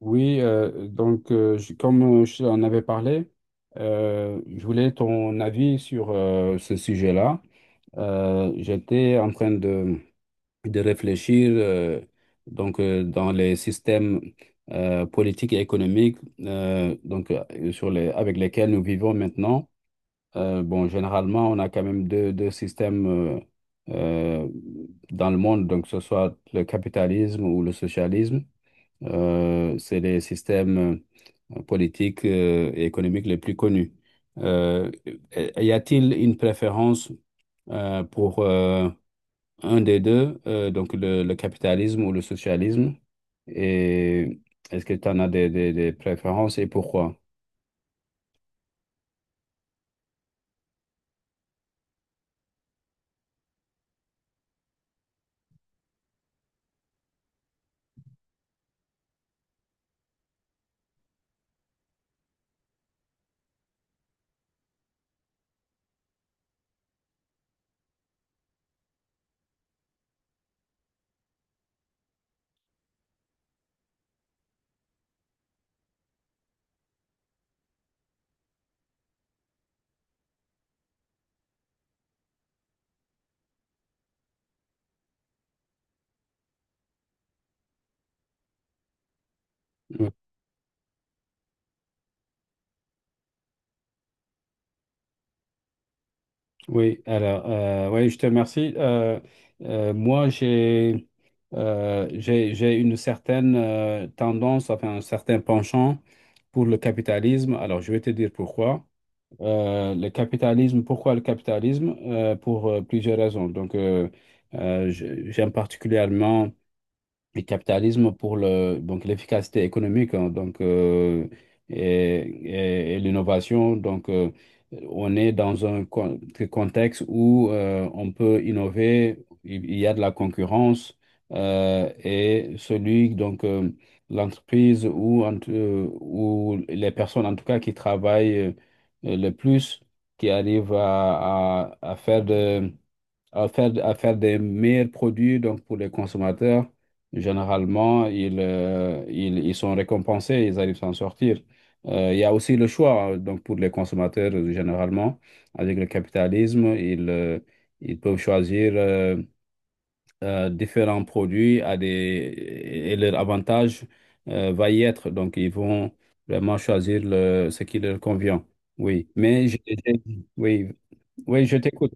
Oui, donc je- comme je t'en avais parlé, je voulais ton avis sur ce sujet-là. J'étais en train de réfléchir, dans les systèmes politiques et économiques, sur les avec lesquels nous vivons maintenant. Bon, généralement, on a quand même deux systèmes, euh, dans le monde, donc que ce soit le capitalisme ou le socialisme. C'est les systèmes politiques et économiques les plus connus. Euh, Y a-t-il une préférence pour un des deux, donc le capitalisme ou le socialisme? Et est-ce que tu en as des préférences et pourquoi? Oui, alors, oui, je te remercie. Moi, j'ai une certaine tendance, enfin, un certain penchant pour le capitalisme. Alors, je vais te dire pourquoi. Le capitalisme, pourquoi le capitalisme? Pour plusieurs raisons. Donc, j'aime particulièrement le capitalisme pour le, donc l'efficacité économique, hein, donc, et l'innovation. Donc, on est dans contexte où, on peut innover, il y a de la concurrence, et celui, donc, l'entreprise ou les personnes, en tout cas, qui travaillent le plus, qui arrivent à faire de à faire des meilleurs produits donc pour les consommateurs. Généralement, ils sont récompensés, ils arrivent à s'en sortir. Il y a aussi le choix, hein, donc pour les consommateurs, généralement, avec le capitalisme, ils peuvent choisir, différents produits à des, et leur avantage va y être. Donc, ils vont vraiment choisir le, ce qui leur convient. Oui, mais oui, oui, je t'écoute.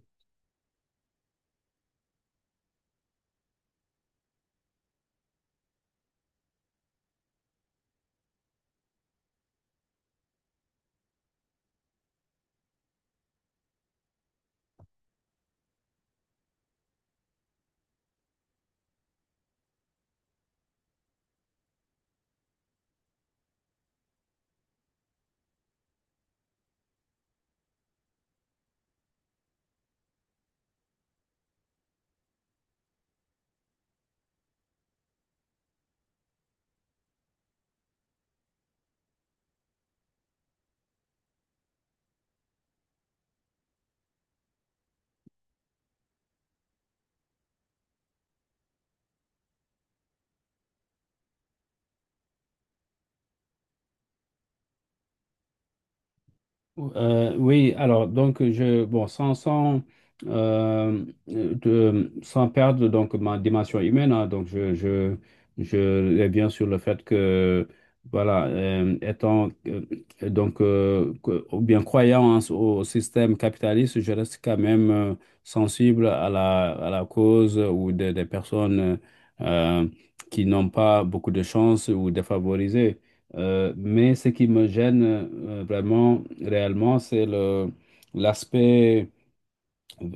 Oui, alors donc je bon sans perdre donc ma dimension humaine, hein, donc je vais bien sur le fait que voilà, ou bien croyant au système capitaliste, je reste quand même sensible à la cause ou des personnes euh, qui n'ont pas beaucoup de chance ou défavorisées, mais ce qui me gêne, vraiment, réellement, c'est le l'aspect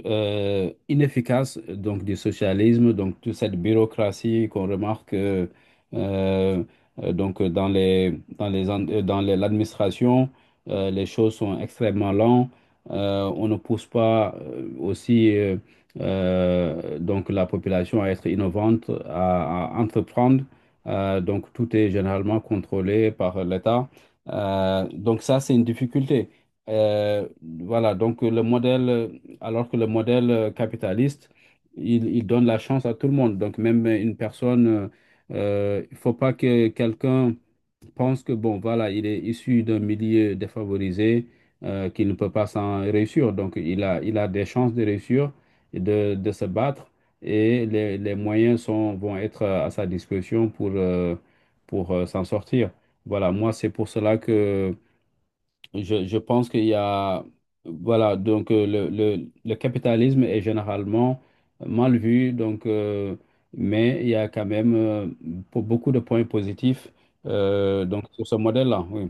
inefficace donc du socialisme, donc toute cette bureaucratie qu'on remarque, euh, dans les en- dans les- l'administration, les choses sont extrêmement lentes. On ne pousse pas, aussi donc la population à être innovante, à entreprendre. Donc tout est généralement contrôlé par l'État. Donc ça, c'est une difficulté. Euh, voilà, donc le modèle, alors que le modèle capitaliste, il donne la chance à tout le monde. Donc, même une personne, il ne faut pas que quelqu'un pense que, bon, voilà, il est issu d'un milieu défavorisé, qu'il ne peut pas s'en réussir. Donc, il a des chances de réussir et de se battre, et les moyens sont, vont être à sa disposition pour, s'en sortir. Voilà, moi, c'est pour cela que je pense qu'il y a, voilà, donc le capitalisme est généralement mal vu, donc, mais il y a quand même pour beaucoup de points positifs, donc, sur ce modèle-là. Oui.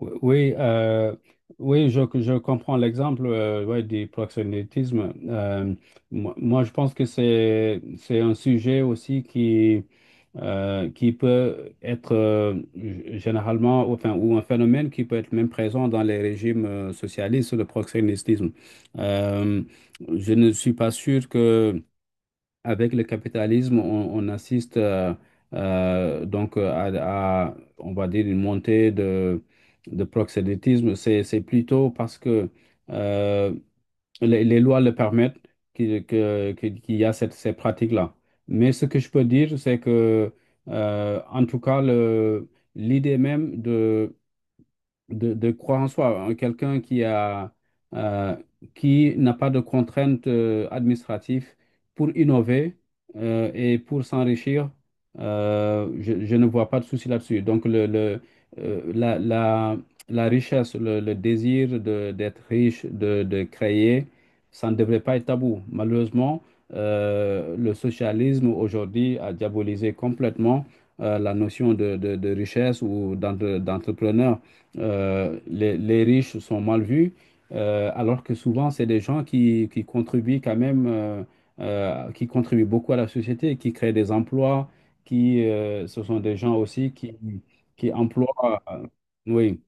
Oui, oui, oui, je comprends l'exemple, ouais, du proxénétisme. Moi, je pense que c'est un sujet aussi qui peut être, généralement, enfin, ou un phénomène qui peut être même présent dans les régimes socialistes, le proxénétisme. Euh, je ne suis pas sûr que avec le capitalisme, on assiste, à, on va dire, une montée de proxénétisme. C'est plutôt parce que, euh, les lois le permettent qu'il y a ces pratiques-là. Mais ce que je peux dire, c'est que, en tout cas, l'idée même de croire en soi, hein. Quelqu'un qui a, euh, qui n'a pas de contraintes administratives pour innover, et pour s'enrichir, je ne vois pas de souci là-dessus. Donc, euh, la, la, la richesse, le désir d'être riche, de créer, ça ne devrait pas être tabou. Malheureusement, le socialisme aujourd'hui a diabolisé complètement la notion de richesse ou d'entrepreneur. Les riches sont mal vus, alors que souvent, c'est des gens qui contribuent quand même, qui contribuent beaucoup à la société, qui créent des emplois, qui, ce sont des gens aussi qui emploient. Oui,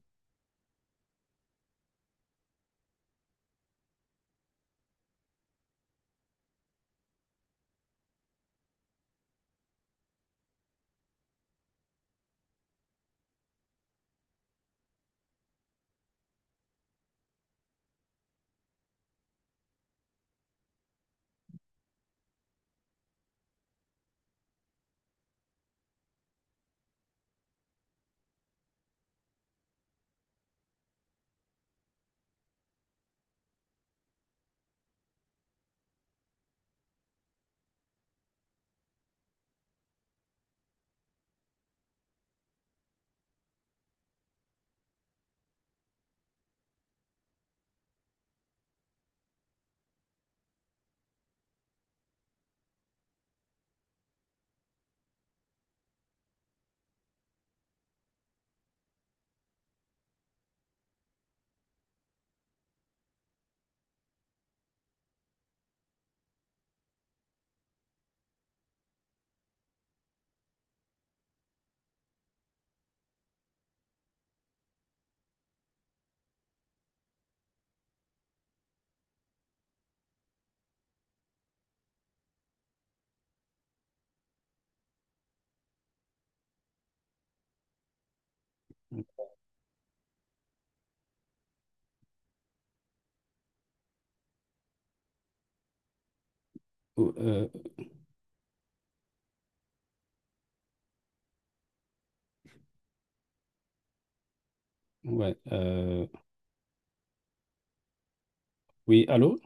euh, ouais, euh, oui, allô?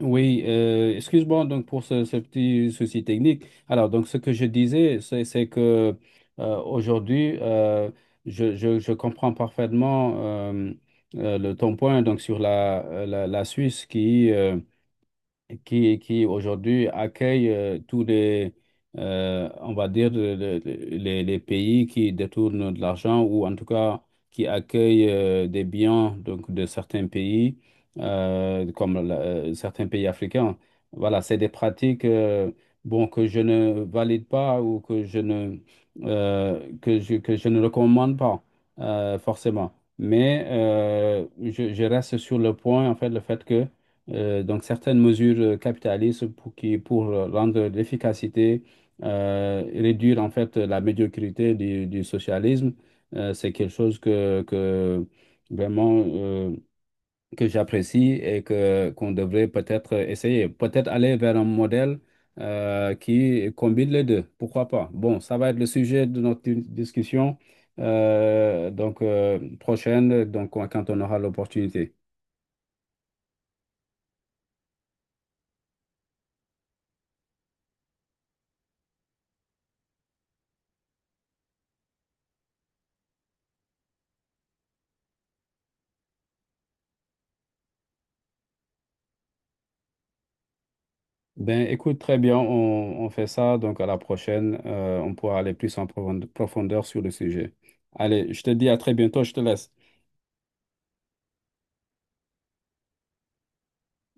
Oui, excuse-moi donc pour ce petit souci technique. Alors, donc ce que je disais, c'est que aujourd'hui, je comprends parfaitement, euh, ton point donc sur la Suisse qui, qui aujourd'hui accueille tous les, on va dire, les pays qui détournent de l'argent ou en tout cas qui accueillent des biens donc, de certains pays, certains pays africains. Voilà, c'est des pratiques, bon, que je ne valide pas ou que je ne recommande pas forcément. Mais je reste sur le point, en fait, le fait que, donc certaines mesures capitalistes pour, qui, pour rendre l'efficacité et réduire en fait la médiocrité du socialisme. C'est quelque chose que vraiment, que j'apprécie et que qu'on devrait peut-être essayer. Peut-être aller vers un modèle qui combine les deux. Pourquoi pas? Bon, ça va être le sujet de notre discussion, prochaine, donc quand on aura l'opportunité. Ben, écoute, très bien, on fait ça. Donc, à la prochaine, on pourra aller plus en profondeur sur le sujet. Allez, je te dis à très bientôt, je te laisse.